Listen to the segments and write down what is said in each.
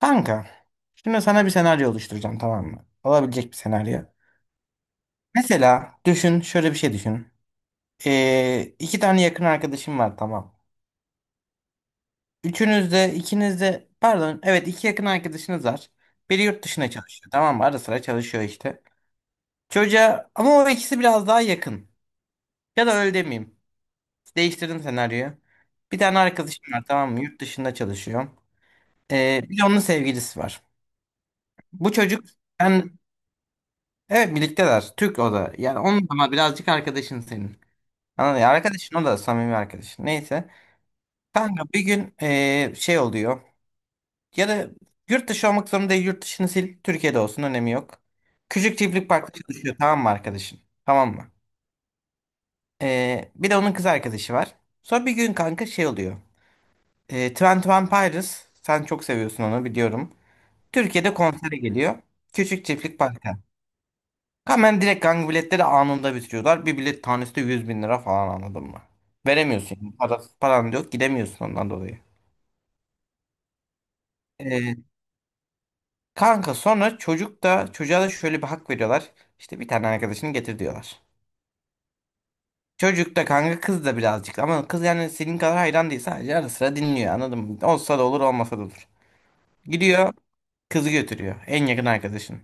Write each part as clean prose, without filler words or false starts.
Kanka, şimdi sana bir senaryo oluşturacağım tamam mı? Olabilecek bir senaryo. Mesela düşün, şöyle bir şey düşün. İki tane yakın arkadaşım var tamam. Üçünüz de, ikiniz de, pardon, evet iki yakın arkadaşınız var. Biri yurt dışına çalışıyor tamam mı? Ara sıra çalışıyor işte. Çocuğa, ama o ikisi biraz daha yakın. Ya da öyle demeyeyim. Değiştirdim senaryoyu. Bir tane arkadaşım var tamam mı? Yurt dışında çalışıyor. Bir de onun sevgilisi var. Bu çocuk, ben evet birlikteler. Türk o da. Yani onun ama birazcık arkadaşın senin. Anladın ya? Arkadaşın o da samimi arkadaşın. Neyse. Kanka bir gün şey oluyor. Ya da yurt dışı olmak zorunda değil. Yurt dışını sil. Türkiye'de olsun. Önemi yok. Küçük çiftlik parkta çalışıyor. Tamam mı arkadaşın? Tamam mı? Bir de onun kız arkadaşı var. Sonra bir gün kanka şey oluyor. Twenty One Pilots. Sen çok seviyorsun onu biliyorum. Türkiye'de konsere geliyor. Küçük çiftlik parkta. Hemen direkt kanka biletleri anında bitiriyorlar. Bir bilet tanesi de 100 bin lira falan anladın mı? Veremiyorsun yani. Paran da yok gidemiyorsun ondan dolayı. Ee, kanka sonra çocuk da çocuğa da şöyle bir hak veriyorlar. İşte bir tane arkadaşını getir diyorlar. Çocuk da kanka kız da birazcık ama kız yani senin kadar hayran değil sadece ara sıra dinliyor anladın mı? Olsa da olur olmasa da olur. Gidiyor kızı götürüyor en yakın arkadaşın.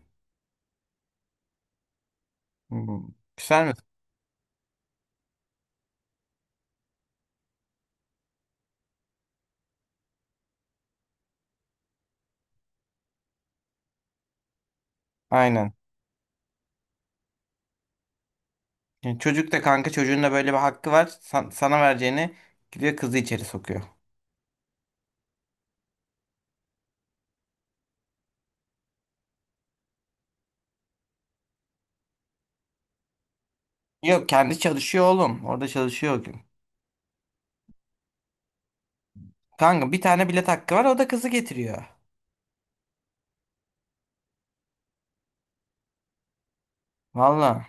Hmm. Güzel mi? Aynen. Yani çocuk da kanka çocuğun da böyle bir hakkı var. Sana vereceğini gidiyor kızı içeri sokuyor. Yok kendi çalışıyor oğlum. Orada çalışıyor o gün. Kanka bir tane bilet hakkı var o da kızı getiriyor. Valla.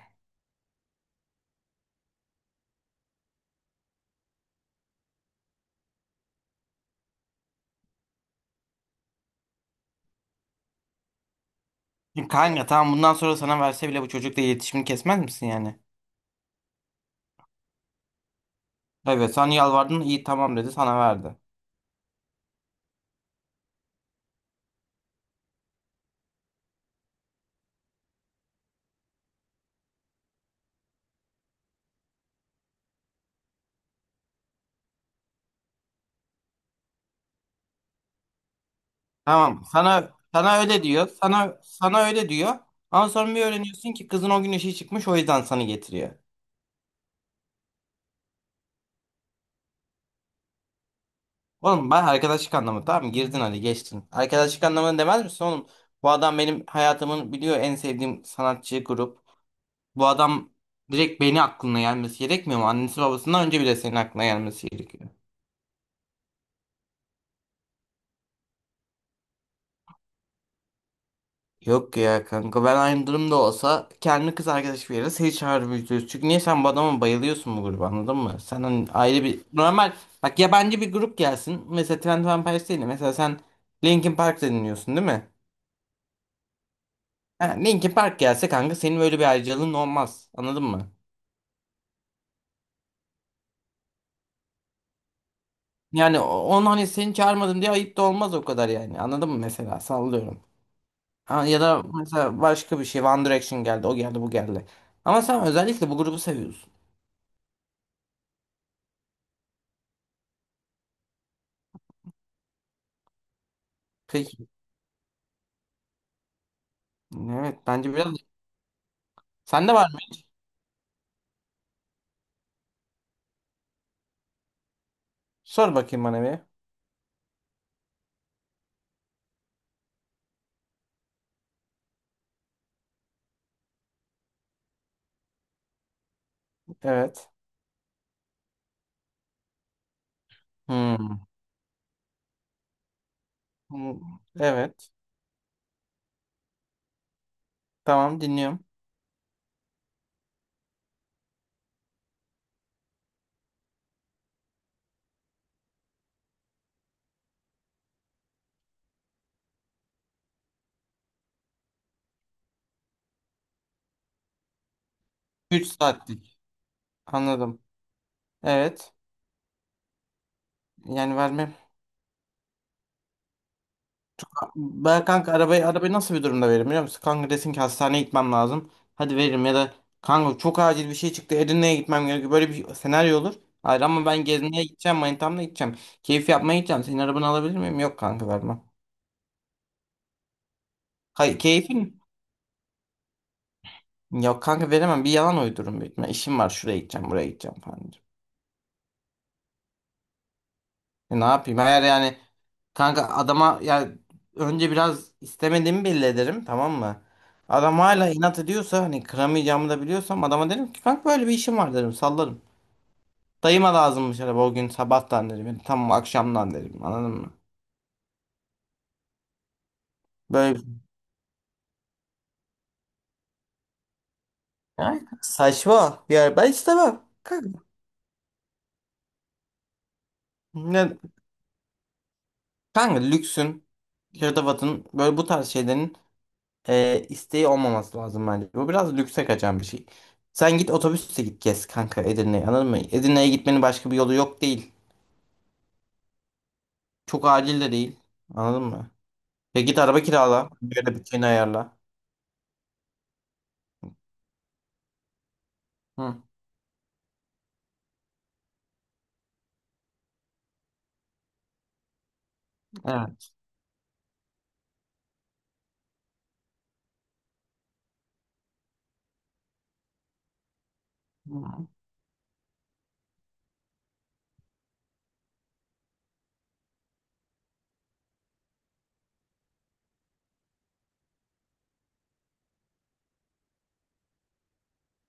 Şimdi kanka tamam bundan sonra sana verse bile bu çocukla iletişimini kesmez misin yani? Evet sen yalvardın iyi tamam dedi sana verdi. Tamam sana öyle diyor. Sana öyle diyor. Ama sonra bir öğreniyorsun ki kızın o gün işi çıkmış o yüzden sana getiriyor. Oğlum ben arkadaşlık anlamı tamam mı? Girdin hadi geçtin. Arkadaşlık anlamını demez misin oğlum? Bu adam benim hayatımın biliyor en sevdiğim sanatçı grup. Bu adam direkt beni aklına gelmesi gerekmiyor mu? Annesi babasından önce bile senin aklına gelmesi gerekiyor. Yok ya kanka ben aynı durumda olsa kendi kız arkadaş bir yere seni çağırıp üzülürüz. Çünkü niye sen bu adama bayılıyorsun bu gruba anladın mı? Sen hani ayrı bir normal bak yabancı bir grup gelsin. Mesela Twenty One Pilots değil de mesela sen Linkin Park dinliyorsun değil mi? Ha, Linkin Park gelse kanka senin böyle bir ayrıcalığın olmaz anladın mı? Yani onu hani seni çağırmadım diye ayıp da olmaz o kadar yani anladın mı mesela sallıyorum. Ha, ya da mesela başka bir şey One Direction geldi o geldi bu geldi. Ama sen özellikle bu grubu seviyorsun. Peki. Evet bence biraz. Sende var mı? Sor bakayım bana bir. Evet. Hmm. Hmm. Evet. Tamam dinliyorum. 3 saatlik. Anladım. Evet. Yani vermem. Ben kanka arabayı, arabayı nasıl bir durumda veririm biliyor musun? Kanka desin ki hastaneye gitmem lazım. Hadi veririm ya da kanka çok acil bir şey çıktı Edirne'ye gitmem gerekiyor. Böyle bir senaryo olur. Hayır ama ben gezmeye gideceğim manitamla gideceğim. Keyif yapmaya gideceğim. Senin arabanı alabilir miyim? Yok kanka vermem. Kay keyfin? Yok kanka veremem. Bir yalan uydururum büyük ihtimalle. İşim var şuraya gideceğim buraya gideceğim falan. Ne yapayım? Eğer yani kanka adama ya önce biraz istemediğimi belli ederim tamam mı? Adam hala inat ediyorsa hani kıramayacağımı da biliyorsam adama derim ki kanka böyle bir işim var derim sallarım. Dayıma lazımmış araba o gün sabahtan derim. Yani tam akşamdan derim anladın mı? Böyle bir- Ya, saçma bir yer ben istemem. Kanka, ne, kanka lüksün, hırdavatın böyle bu tarz şeylerin isteği olmaması lazım bence. Bu biraz lükse kaçan bir şey. Sen git otobüsle git gez kanka Edirne'ye anladın mı? Edirne'ye gitmenin başka bir yolu yok değil. Çok acil de değil. Anladın mı? Ya git araba kirala. Böyle bütçeni ayarla. Hı, evet. Hı.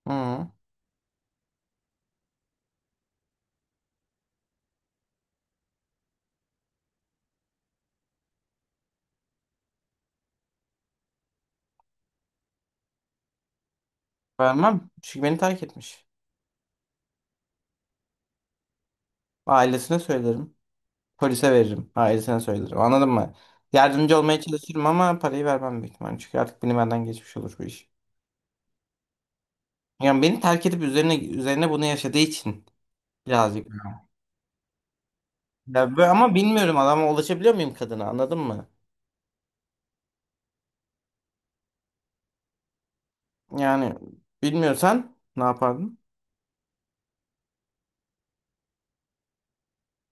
Hı. Vermem. Çünkü beni terk etmiş. Ailesine söylerim. Polise veririm. Ailesine söylerim. Anladın mı? Yardımcı olmaya çalışırım ama parayı vermem büyük ihtimalle. Çünkü artık beni benden geçmiş olur bu iş. Yani beni terk edip üzerine üzerine bunu yaşadığı için birazcık ama bilmiyorum adama ulaşabiliyor muyum kadına anladın mı? Yani bilmiyorsan ne yapardın?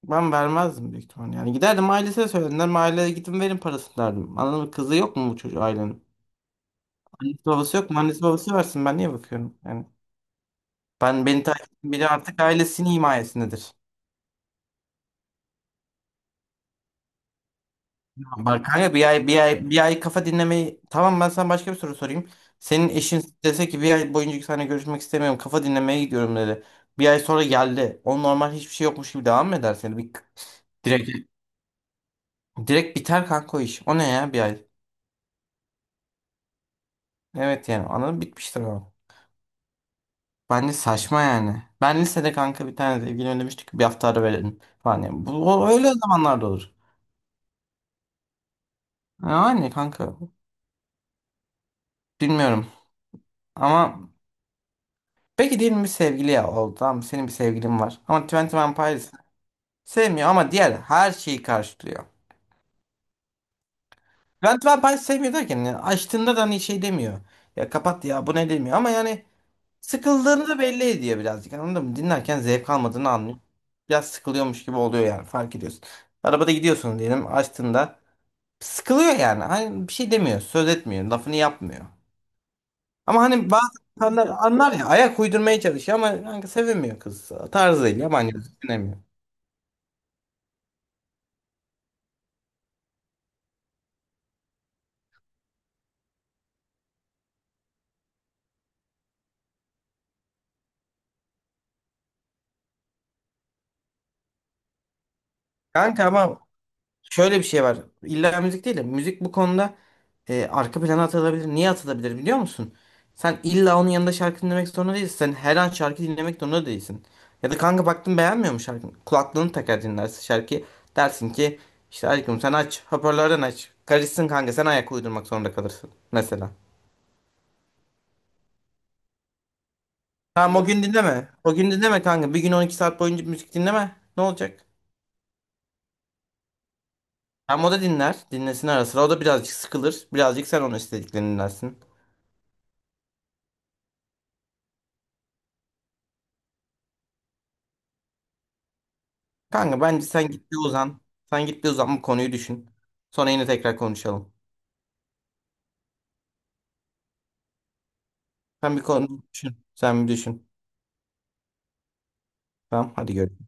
Ben vermezdim büyük ihtimal yani. Giderdim ailesine söylerdim. Derim, aileye gidin verin parasını derdim. Anladın mı? Kızı yok mu bu çocuğu ailenin? Annesi babası yok mu? Annesi babası versin ben niye bakıyorum? Yani ben beni takip eden biri artık ailesinin himayesindedir. Bak kanka bir ay kafa dinlemeyi tamam ben sana başka bir soru sorayım. Senin eşin dese ki bir ay boyunca seninle görüşmek istemiyorum kafa dinlemeye gidiyorum dedi. Bir ay sonra geldi. O normal hiçbir şey yokmuş gibi devam mı edersin? Yani bir, direkt direkt biter kanka o iş. O ne ya bir ay? Evet yani anladım bitmiştir o. Bence saçma yani. Ben lisede kanka bir tane sevgili ödemiştik bir hafta ara verelim falan. Yani bu öyle zamanlarda olur. Yani kanka bilmiyorum ama peki diyelim bir sevgili oldu tamam mı? Senin bir sevgilin var. Ama Twenty One sevmiyor ama diğer her şeyi karşılıyor. Twenty One Pilots sevmiyor derken yani açtığında da hani şey demiyor. Ya kapat ya bu ne demiyor ama yani sıkıldığını da belli ediyor birazcık anladın mı? Dinlerken zevk almadığını anlıyor. Biraz sıkılıyormuş gibi oluyor yani fark ediyorsun. Arabada gidiyorsun diyelim açtığında sıkılıyor yani. Hani bir şey demiyor, söz etmiyor, lafını yapmıyor. Ama hani bazı insanlar anlar ya ayak uydurmaya çalışıyor ama kanka sevemiyor kız. Tarzıyla yabancı düşünemiyor. Kanka ama şöyle bir şey var. İlla müzik değil de müzik bu konuda arka plana atılabilir. Niye atılabilir biliyor musun? Sen illa onun yanında şarkı dinlemek zorunda değilsin. Sen her an şarkı dinlemek zorunda değilsin. Ya da kanka baktın beğenmiyor mu şarkını? Kulaklığını takar dinlersin şarkıyı. Dersin ki işte aşkım sen aç. Hoparlörden aç. Karışsın kanka sen ayak uydurmak zorunda kalırsın. Mesela. Tamam o gün dinleme. O gün dinleme kanka. Bir gün 12 saat boyunca müzik dinleme. Ne olacak? Tamam o da dinler. Dinlesin ara sıra. O da birazcık sıkılır. Birazcık sen onun istediklerini dinlersin. Kanka bence sen git bir uzan. Sen git bir uzan bu konuyu düşün. Sonra yine tekrar konuşalım. Sen bir konu düşün. Sen bir düşün. Tamam hadi görüşürüz.